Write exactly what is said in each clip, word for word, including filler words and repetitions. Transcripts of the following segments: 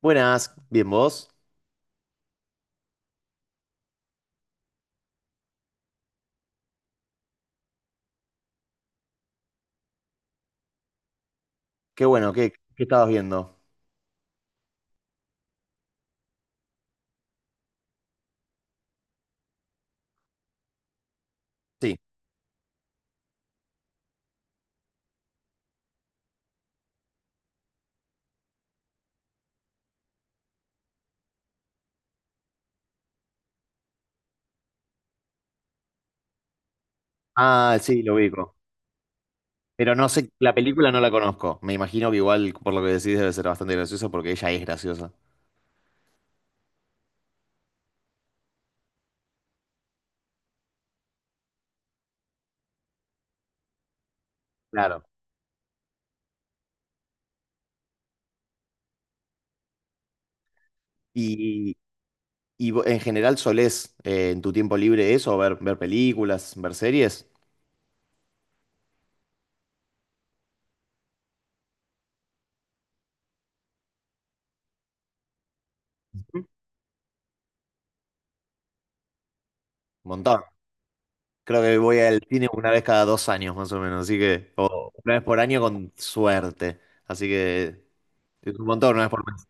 Buenas, bien vos. Qué bueno, ¿qué, qué estabas viendo? Sí. Ah, sí, lo ubico. Pero no sé, la película no la conozco. Me imagino que igual, por lo que decís, debe ser bastante graciosa porque ella es graciosa. Claro. Y, y vo- en general solés eh, en tu tiempo libre eso, ver, ver películas, ver series. Ujú. Montón. Creo que voy al cine una vez cada dos años más o menos, así que, o una vez por año con suerte. Así que es un montón, una vez por mes.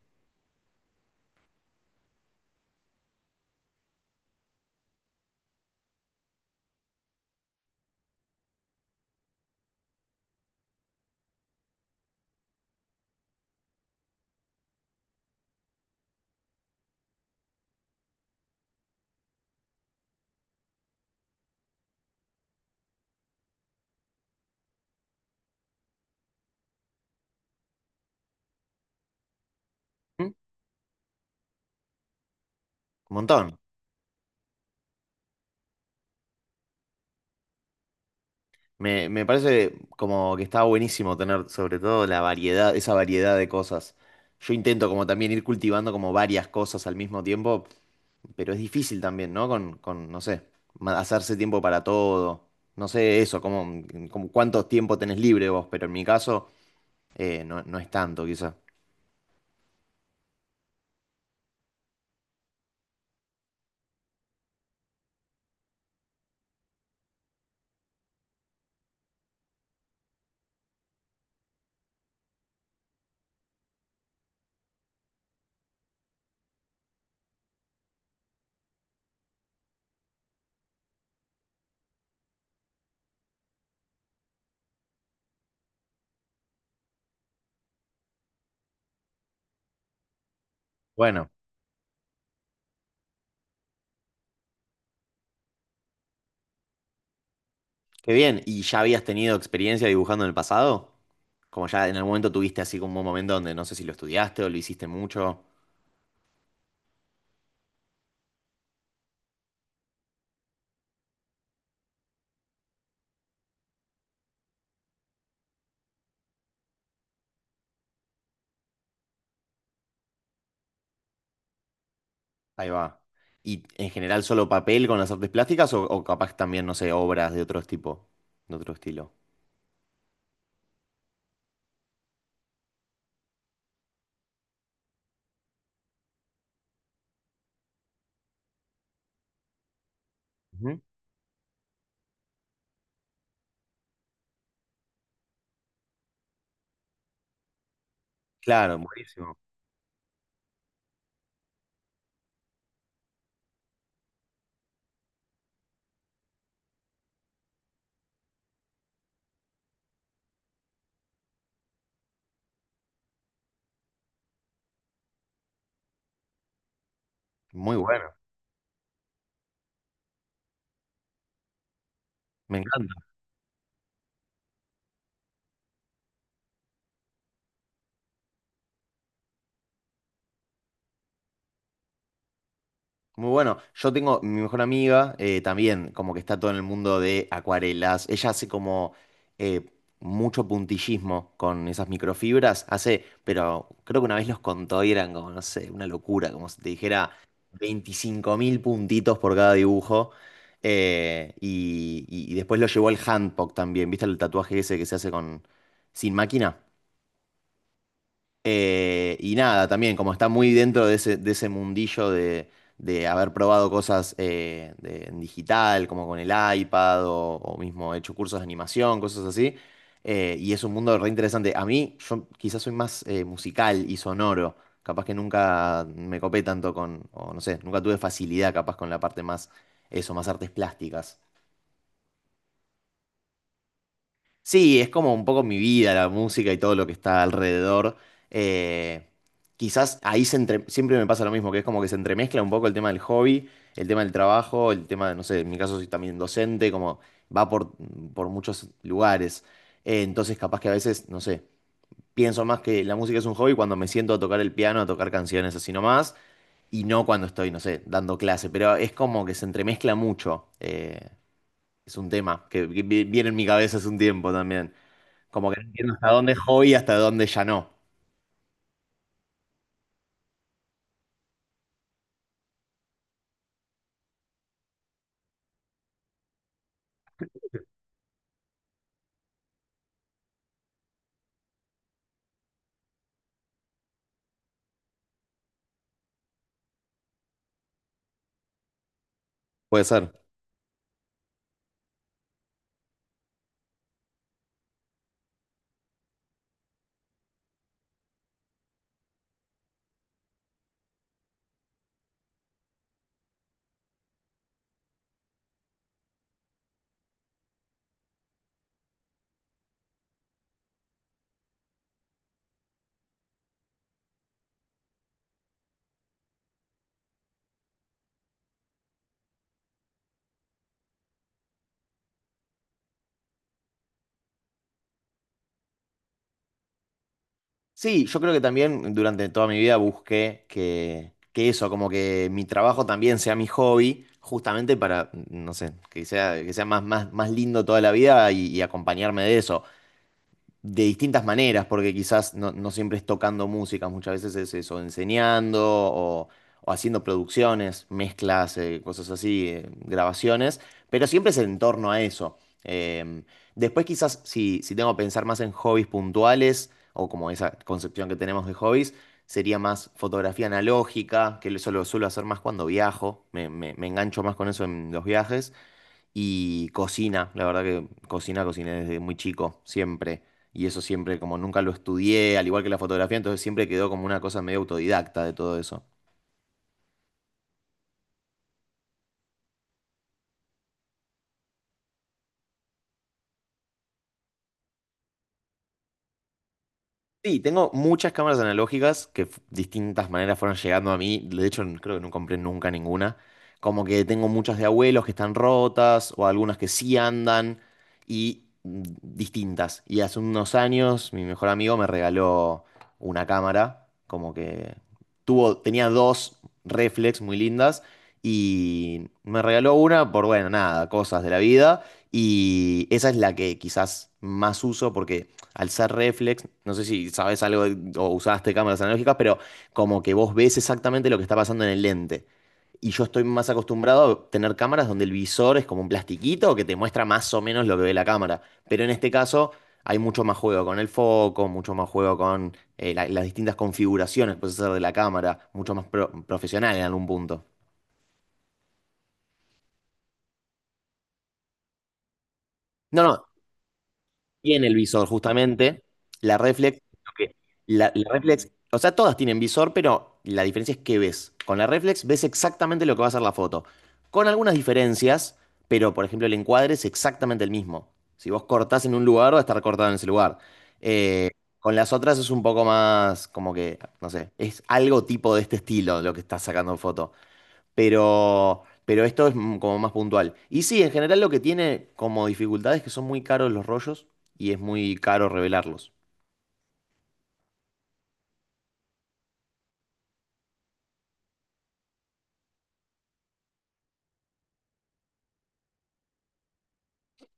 Ujú. Un montón. Me, me parece como que está buenísimo tener sobre todo la variedad, esa variedad de cosas. Yo intento como también ir cultivando como varias cosas al mismo tiempo, pero es difícil también, ¿no? Con, con, no sé, ma- hacerse tiempo para todo. No sé eso, como, como cuánto tiempo tenés libre vos, pero en mi caso eh, no, no es tanto quizá. Bueno, qué bien. ¿Y ya habías tenido experiencia dibujando en el pasado? Como ya en algún momento tuviste así como un momento donde no sé si lo estudiaste o lo hiciste mucho. Ahí va. ¿Y en general solo papel con las artes plásticas o, o capaz también, no sé, obras de otro tipo, de otro estilo? Ujú. Claro, buenísimo. Muy bueno. Me encanta. Muy bueno. Yo tengo mi mejor amiga eh, también, como que está todo en el mundo de acuarelas. Ella hace como eh, mucho puntillismo con esas microfibras. Hace, pero creo que una vez los contó y eran como, no sé, una locura, como si te dijera veinticinco mil puntitos por cada dibujo. Eh, y, y- y después lo llevó al handpoke también. ¿Viste el tatuaje ese que se hace con sin máquina? Eh, y nada, también como está muy dentro de ese, de ese mundillo de, de haber probado cosas eh, de- en digital, como con el iPad o, o mismo hecho cursos de animación, cosas así, eh, y es un mundo re interesante. A mí, yo quizás soy más eh, musical y sonoro, capaz que nunca me copé tanto con, o no sé, nunca tuve facilidad capaz con la parte más, eso, más artes plásticas. Sí, es como un poco mi vida, la música y todo lo que está alrededor. Eh, quizás ahí se entre- siempre me pasa lo mismo, que es como que se entremezcla un poco el tema del hobby, el tema del trabajo, el tema de, no sé, en mi caso soy también docente, como va por, por muchos lugares. Eh, entonces capaz que a veces, no sé, pienso más que la música es un hobby cuando me siento a tocar el piano, a tocar canciones así nomás, y no cuando estoy, no sé, dando clase, pero es como que se entremezcla mucho. Eh, es un tema que que vi- viene en mi cabeza hace un tiempo también. Como que no entiendo hasta dónde es hobby y hasta dónde ya no. Puede ser. Sí, yo creo que también durante toda mi vida busqué que, que eso, como que mi trabajo también sea mi hobby, justamente para, no sé, que sea, que sea más, más, más lindo toda la vida y, y acompañarme de eso. De distintas maneras, porque quizás no, no siempre es tocando música, muchas veces es eso, enseñando o, o haciendo producciones, mezclas, eh, cosas así, eh, grabaciones, pero siempre es en torno a eso. Em, después quizás si, si tengo que pensar más en hobbies puntuales o como esa concepción que tenemos de hobbies, sería más fotografía analógica, que eso lo suelo hacer más cuando viajo, me, me- me engancho más con eso en los viajes y cocina, la verdad que cocina, cociné desde muy chico, siempre. Y eso siempre, como nunca lo estudié, al igual que la fotografía, entonces siempre quedó como una cosa medio autodidacta de todo eso. Sí, tengo muchas cámaras analógicas que f- distintas maneras fueron llegando a mí. De hecho, n- creo que no compré nunca ninguna. Como que tengo muchas de abuelos que están rotas o algunas que sí andan y mm, distintas. Y hace unos años mi mejor amigo me regaló una cámara, como que tuvo, tenía dos reflex muy lindas y me regaló una por, bueno, nada, cosas de la vida. Y esa es la que quizás más uso porque... Alzar reflex, no sé si sabes algo de- o usaste cámaras analógicas, pero como que vos ves exactamente lo que está pasando en el lente. Y yo estoy más acostumbrado a tener cámaras donde el visor es como un plastiquito que te muestra más o menos lo que ve la cámara. Pero en este caso hay mucho más juego con el foco, mucho más juego con eh, la- las distintas configuraciones que puedes hacer de la cámara, mucho más pro- profesional en algún punto. No, no, tiene el visor, justamente. La reflex, lo que- la, la reflex, o sea, todas tienen visor, pero la diferencia es que ves. Con la reflex ves exactamente lo que va a ser la foto. Con algunas diferencias, pero por ejemplo, el encuadre es exactamente el mismo. Si vos cortás en un lugar, va a estar cortado en ese lugar. Eh, con las otras es un poco más como que, no sé, es algo tipo de este estilo lo que estás sacando en foto pero, pero esto es mm, como más puntual. Y sí, en general lo que tiene como dificultad es que son muy caros los rollos y es muy caro revelarlos.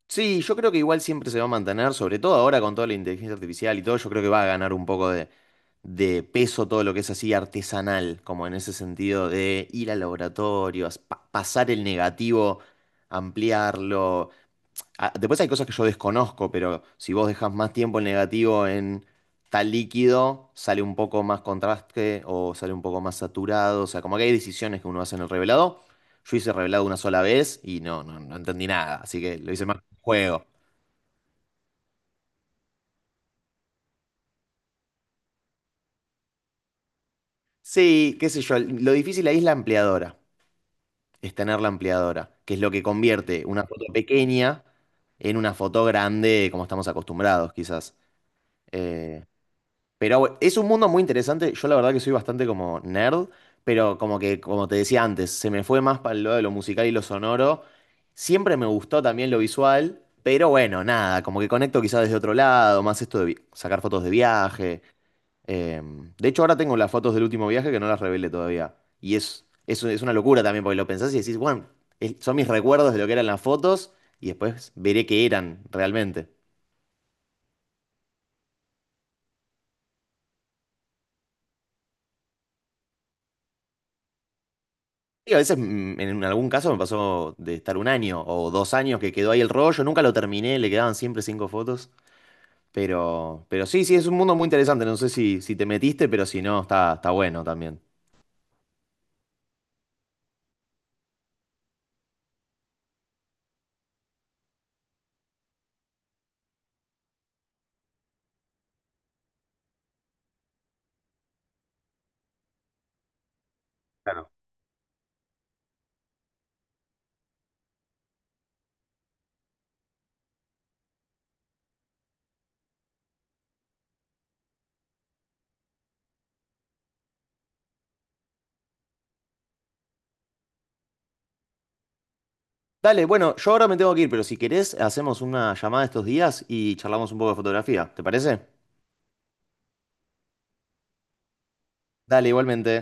Sí, yo creo que igual siempre se va a mantener, sobre todo ahora con toda la inteligencia artificial y todo, yo creo que va a ganar un poco de, de peso todo lo que es así artesanal, como en ese sentido de ir al laboratorio, as- pa- pasar el negativo, ampliarlo. Ah, después hay cosas que yo desconozco, pero si vos dejas más tiempo el negativo en tal líquido, sale un poco más contraste o sale un poco más saturado. O sea, como que hay decisiones que uno hace en el revelado. Yo hice revelado una sola vez y no, no, no entendí nada, así que lo hice más como un juego. Sí, qué sé yo, lo difícil ahí es la ampliadora, es tener la ampliadora, que es lo que convierte una foto pequeña en una foto grande como estamos acostumbrados, quizás. Eh, Pero bueno, es un mundo muy interesante. Yo la verdad que soy bastante como nerd, pero como que, como te decía antes, se me fue más para el lado de lo musical y lo sonoro. Siempre me gustó también lo visual, pero bueno, nada, como que conecto quizás desde otro lado, más esto de vi- sacar fotos de viaje. Eh, de hecho, ahora tengo las fotos del último viaje que no las revelé todavía. Y es, es, es una locura también, porque lo pensás y decís, bueno, es- son mis recuerdos de lo que eran las fotos y después veré qué eran realmente. Sí, a veces mm, en algún caso me pasó de estar un año o dos años que quedó ahí el rollo, nunca lo terminé, le quedaban siempre cinco fotos, pero, pero sí, sí, es un mundo muy interesante, no sé si, si te metiste, pero si no, está, está bueno también. Claro. Dale, bueno, yo ahora me tengo que ir, pero si querés, hacemos una llamada estos días y charlamos un poco de fotografía, ¿te parece? Dale, igualmente.